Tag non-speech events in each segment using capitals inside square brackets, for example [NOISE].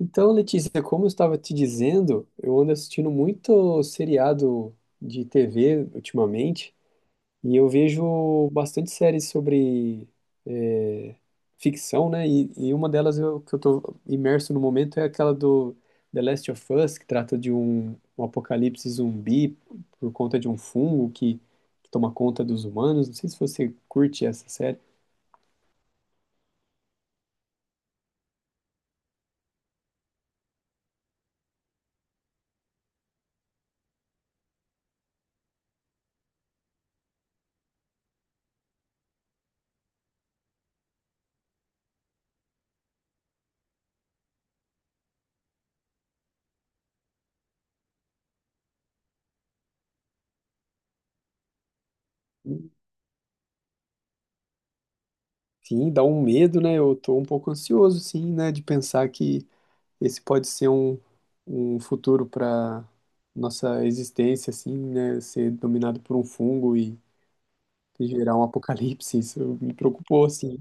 Então, Letícia, como eu estava te dizendo, eu ando assistindo muito seriado de TV ultimamente e eu vejo bastante séries sobre é, ficção, né? E uma delas que eu estou imerso no momento é aquela do The Last of Us, que trata de um apocalipse zumbi por conta de um fungo que toma conta dos humanos. Não sei se você curte essa série. Sim, dá um medo, né? Eu tô um pouco ansioso, sim, né, de pensar que esse pode ser um futuro para nossa existência, assim, né? Ser dominado por um fungo e gerar um apocalipse, isso me preocupou, assim.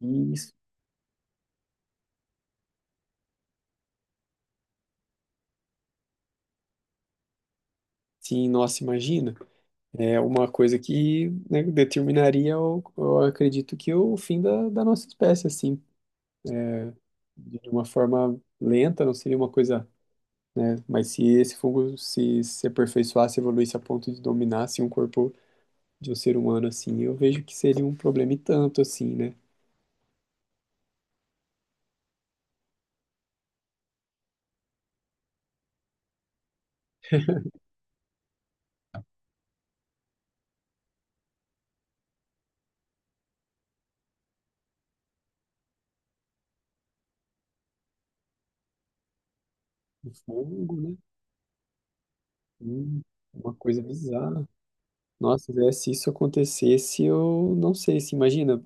E isso, sim, nossa, imagina. É uma coisa que, né, determinaria, acredito que o fim da nossa espécie, assim, de uma forma lenta, não seria uma coisa, né? Mas se esse fungo se aperfeiçoasse, evoluísse a ponto de dominar, assim, um corpo de um ser humano, assim, eu vejo que seria um problema e tanto, assim, né? Do fogo, né? Hum, uma coisa bizarra. Nossa, Zé, se isso acontecesse, eu não sei, se imagina,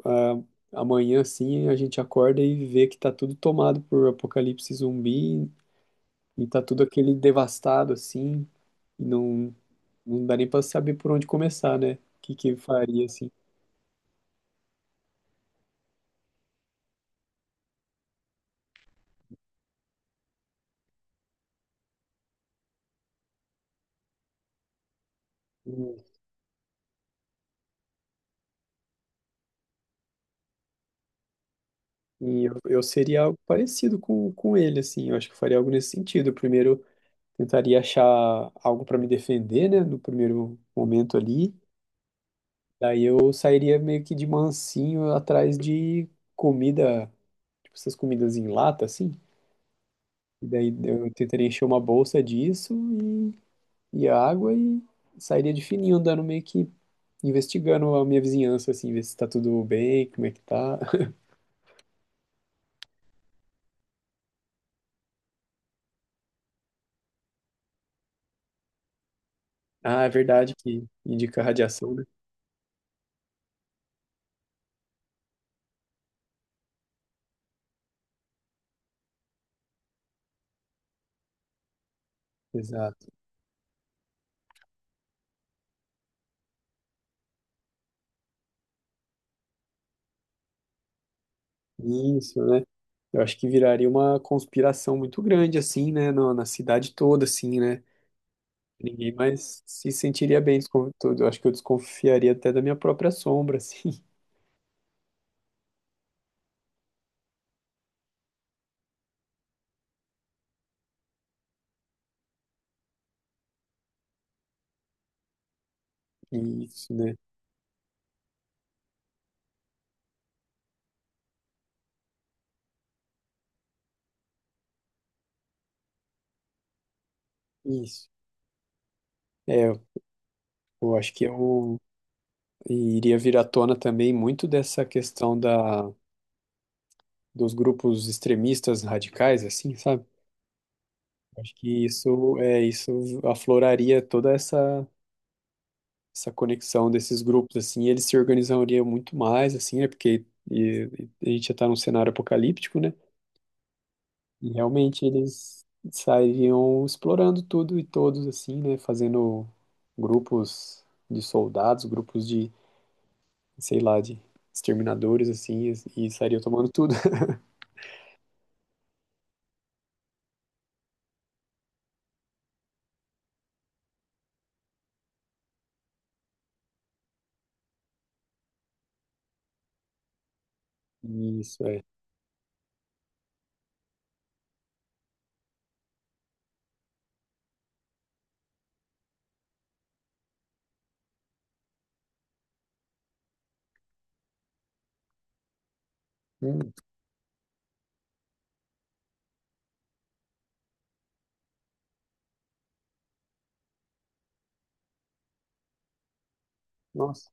a amanhã assim a gente acorda e vê que tá tudo tomado por apocalipse zumbi e tá tudo aquele devastado assim, e não, não dá nem pra saber por onde começar, né? O que que eu faria assim? E eu seria algo parecido com ele, assim, eu acho que eu faria algo nesse sentido. Eu primeiro, tentaria achar algo pra me defender, né, no primeiro momento ali. Daí eu sairia meio que de mansinho atrás de comida, tipo essas comidas em lata, assim. E daí eu tentaria encher uma bolsa disso e água e sairia de fininho andando meio que investigando a minha vizinhança, assim, ver se tá tudo bem, como é que tá. [LAUGHS] Ah, é verdade que indica radiação, né? Exato. Isso, né? Eu acho que viraria uma conspiração muito grande, assim, né? Na cidade toda, assim, né? Ninguém mais se sentiria bem com tudo. Eu acho que eu desconfiaria até da minha própria sombra, assim. [LAUGHS] Isso, né? Isso. É, eu acho que eu iria vir à tona também muito dessa dos grupos extremistas radicais, assim, sabe? Acho que isso é isso afloraria toda essa conexão desses grupos, assim, e eles se organizariam muito mais, assim, né? E a gente já está num cenário apocalíptico, né? E realmente eles saíam explorando tudo e todos, assim, né? Fazendo grupos de soldados, grupos de, sei lá, de exterminadores, assim, e saíam tomando tudo. [LAUGHS] Isso, é. Hum, nossa,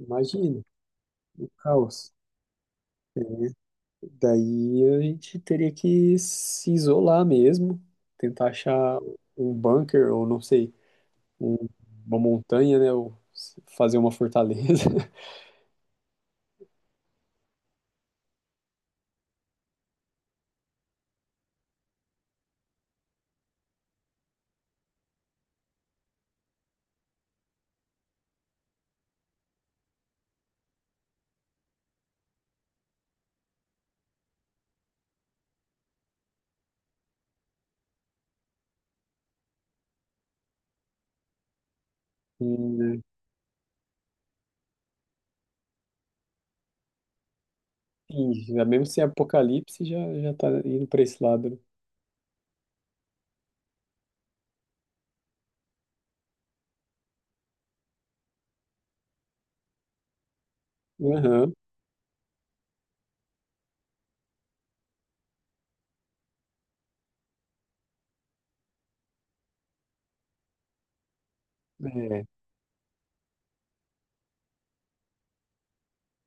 imagina, o caos. Daí a gente teria que se isolar mesmo, tentar achar um bunker, ou não sei, um- uma montanha, né? Ou fazer uma fortaleza. [LAUGHS] E, né, sim, já mesmo sem apocalipse já tá indo para esse lado, né? Aham. É,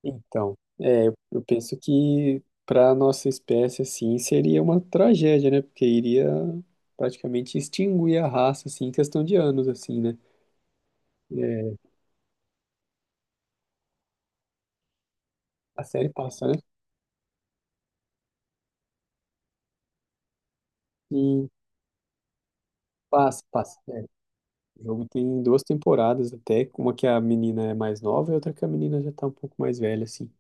então, é, eu penso que para nossa espécie assim seria uma tragédia, né? Porque iria praticamente extinguir a raça assim em questão de anos assim, né? É, a série passa, né? E passa, passa. É, o jogo tem duas temporadas até, uma que a menina é mais nova e outra que a menina já tá um pouco mais velha assim.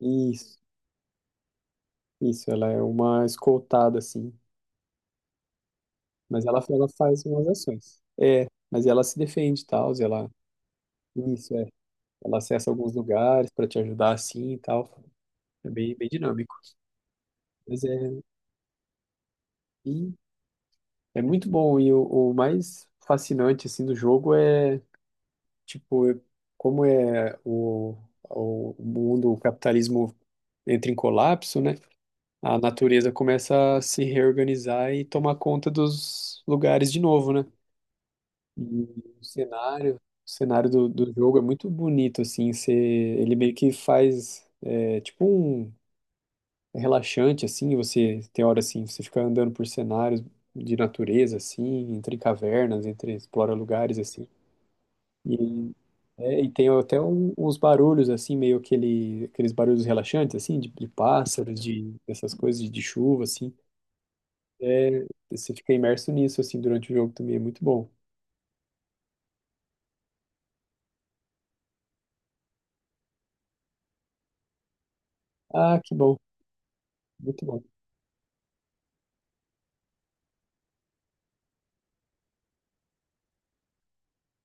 Isso, isso, ela é uma escoltada assim. Mas ela faz umas ações. É, mas ela se defende e tal, e ela. Isso, é. Ela acessa alguns lugares para te ajudar assim e tal. É bem, bem dinâmico. Mas é, e é muito bom. E o mais fascinante assim do jogo é, tipo, como é o mundo, o capitalismo entra em colapso, né? A natureza começa a se reorganizar e tomar conta dos lugares de novo, né? E o cenário do, do jogo é muito bonito, assim, você, ele meio que faz, é, tipo um é relaxante, assim, você tem hora, assim, você fica andando por cenários de natureza, assim, entre cavernas, entre, explora lugares, assim, e, é, e tem até uns barulhos, assim, meio aquele, aqueles barulhos relaxantes, assim, de pássaros, de, essas coisas, de chuva, assim, é, você fica imerso nisso, assim, durante o jogo também, é muito bom. Ah, que bom, muito bom.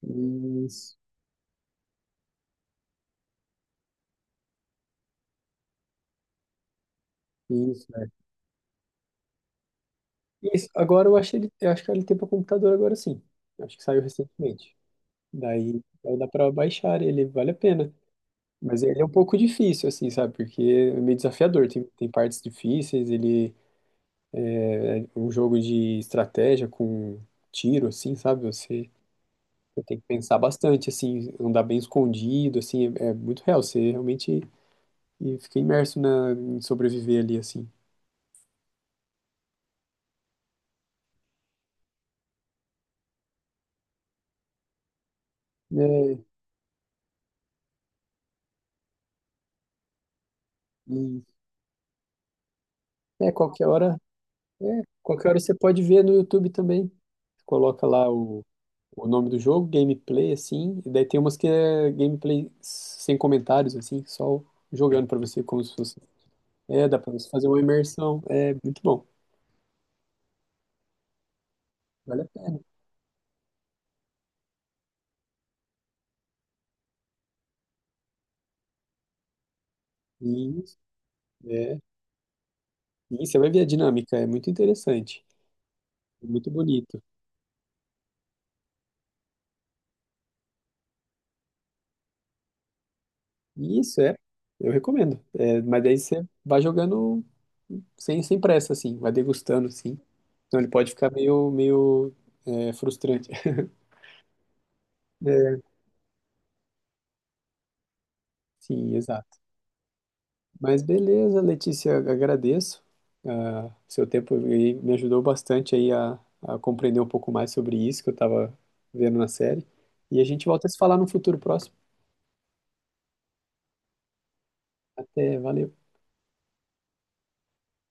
Isso. Isso, é. Isso. Agora eu acho ele, eu acho que ele tem para computador agora sim. Eu acho que saiu recentemente. Daí dá para baixar ele, vale a pena. Mas ele é um pouco difícil, assim, sabe? Porque é meio desafiador. Tem partes difíceis, ele é um jogo de estratégia com tiro, assim, sabe? Você, você tem que pensar bastante, assim, andar bem escondido, assim, é, é muito real. Você realmente e fica imerso na, em sobreviver ali, assim. É, e, é, qualquer hora, é, qualquer hora você pode ver no YouTube também. Coloca lá o nome do jogo, gameplay, assim, e daí tem umas que é gameplay sem comentários, assim, só jogando pra você como se fosse. É, dá pra você fazer uma imersão. É muito bom. Vale a pena. Isso, é. E você vai ver a dinâmica, é muito interessante. É muito bonito. E isso é, eu recomendo. É, mas daí você vai jogando sem, sem pressa, assim, vai degustando, assim. Então ele pode ficar meio, meio frustrante. [LAUGHS] É, sim, exato. Mas beleza, Letícia, agradeço seu tempo aí me ajudou bastante aí a compreender um pouco mais sobre isso que eu estava vendo na série. E a gente volta a se falar no futuro próximo. Até, valeu.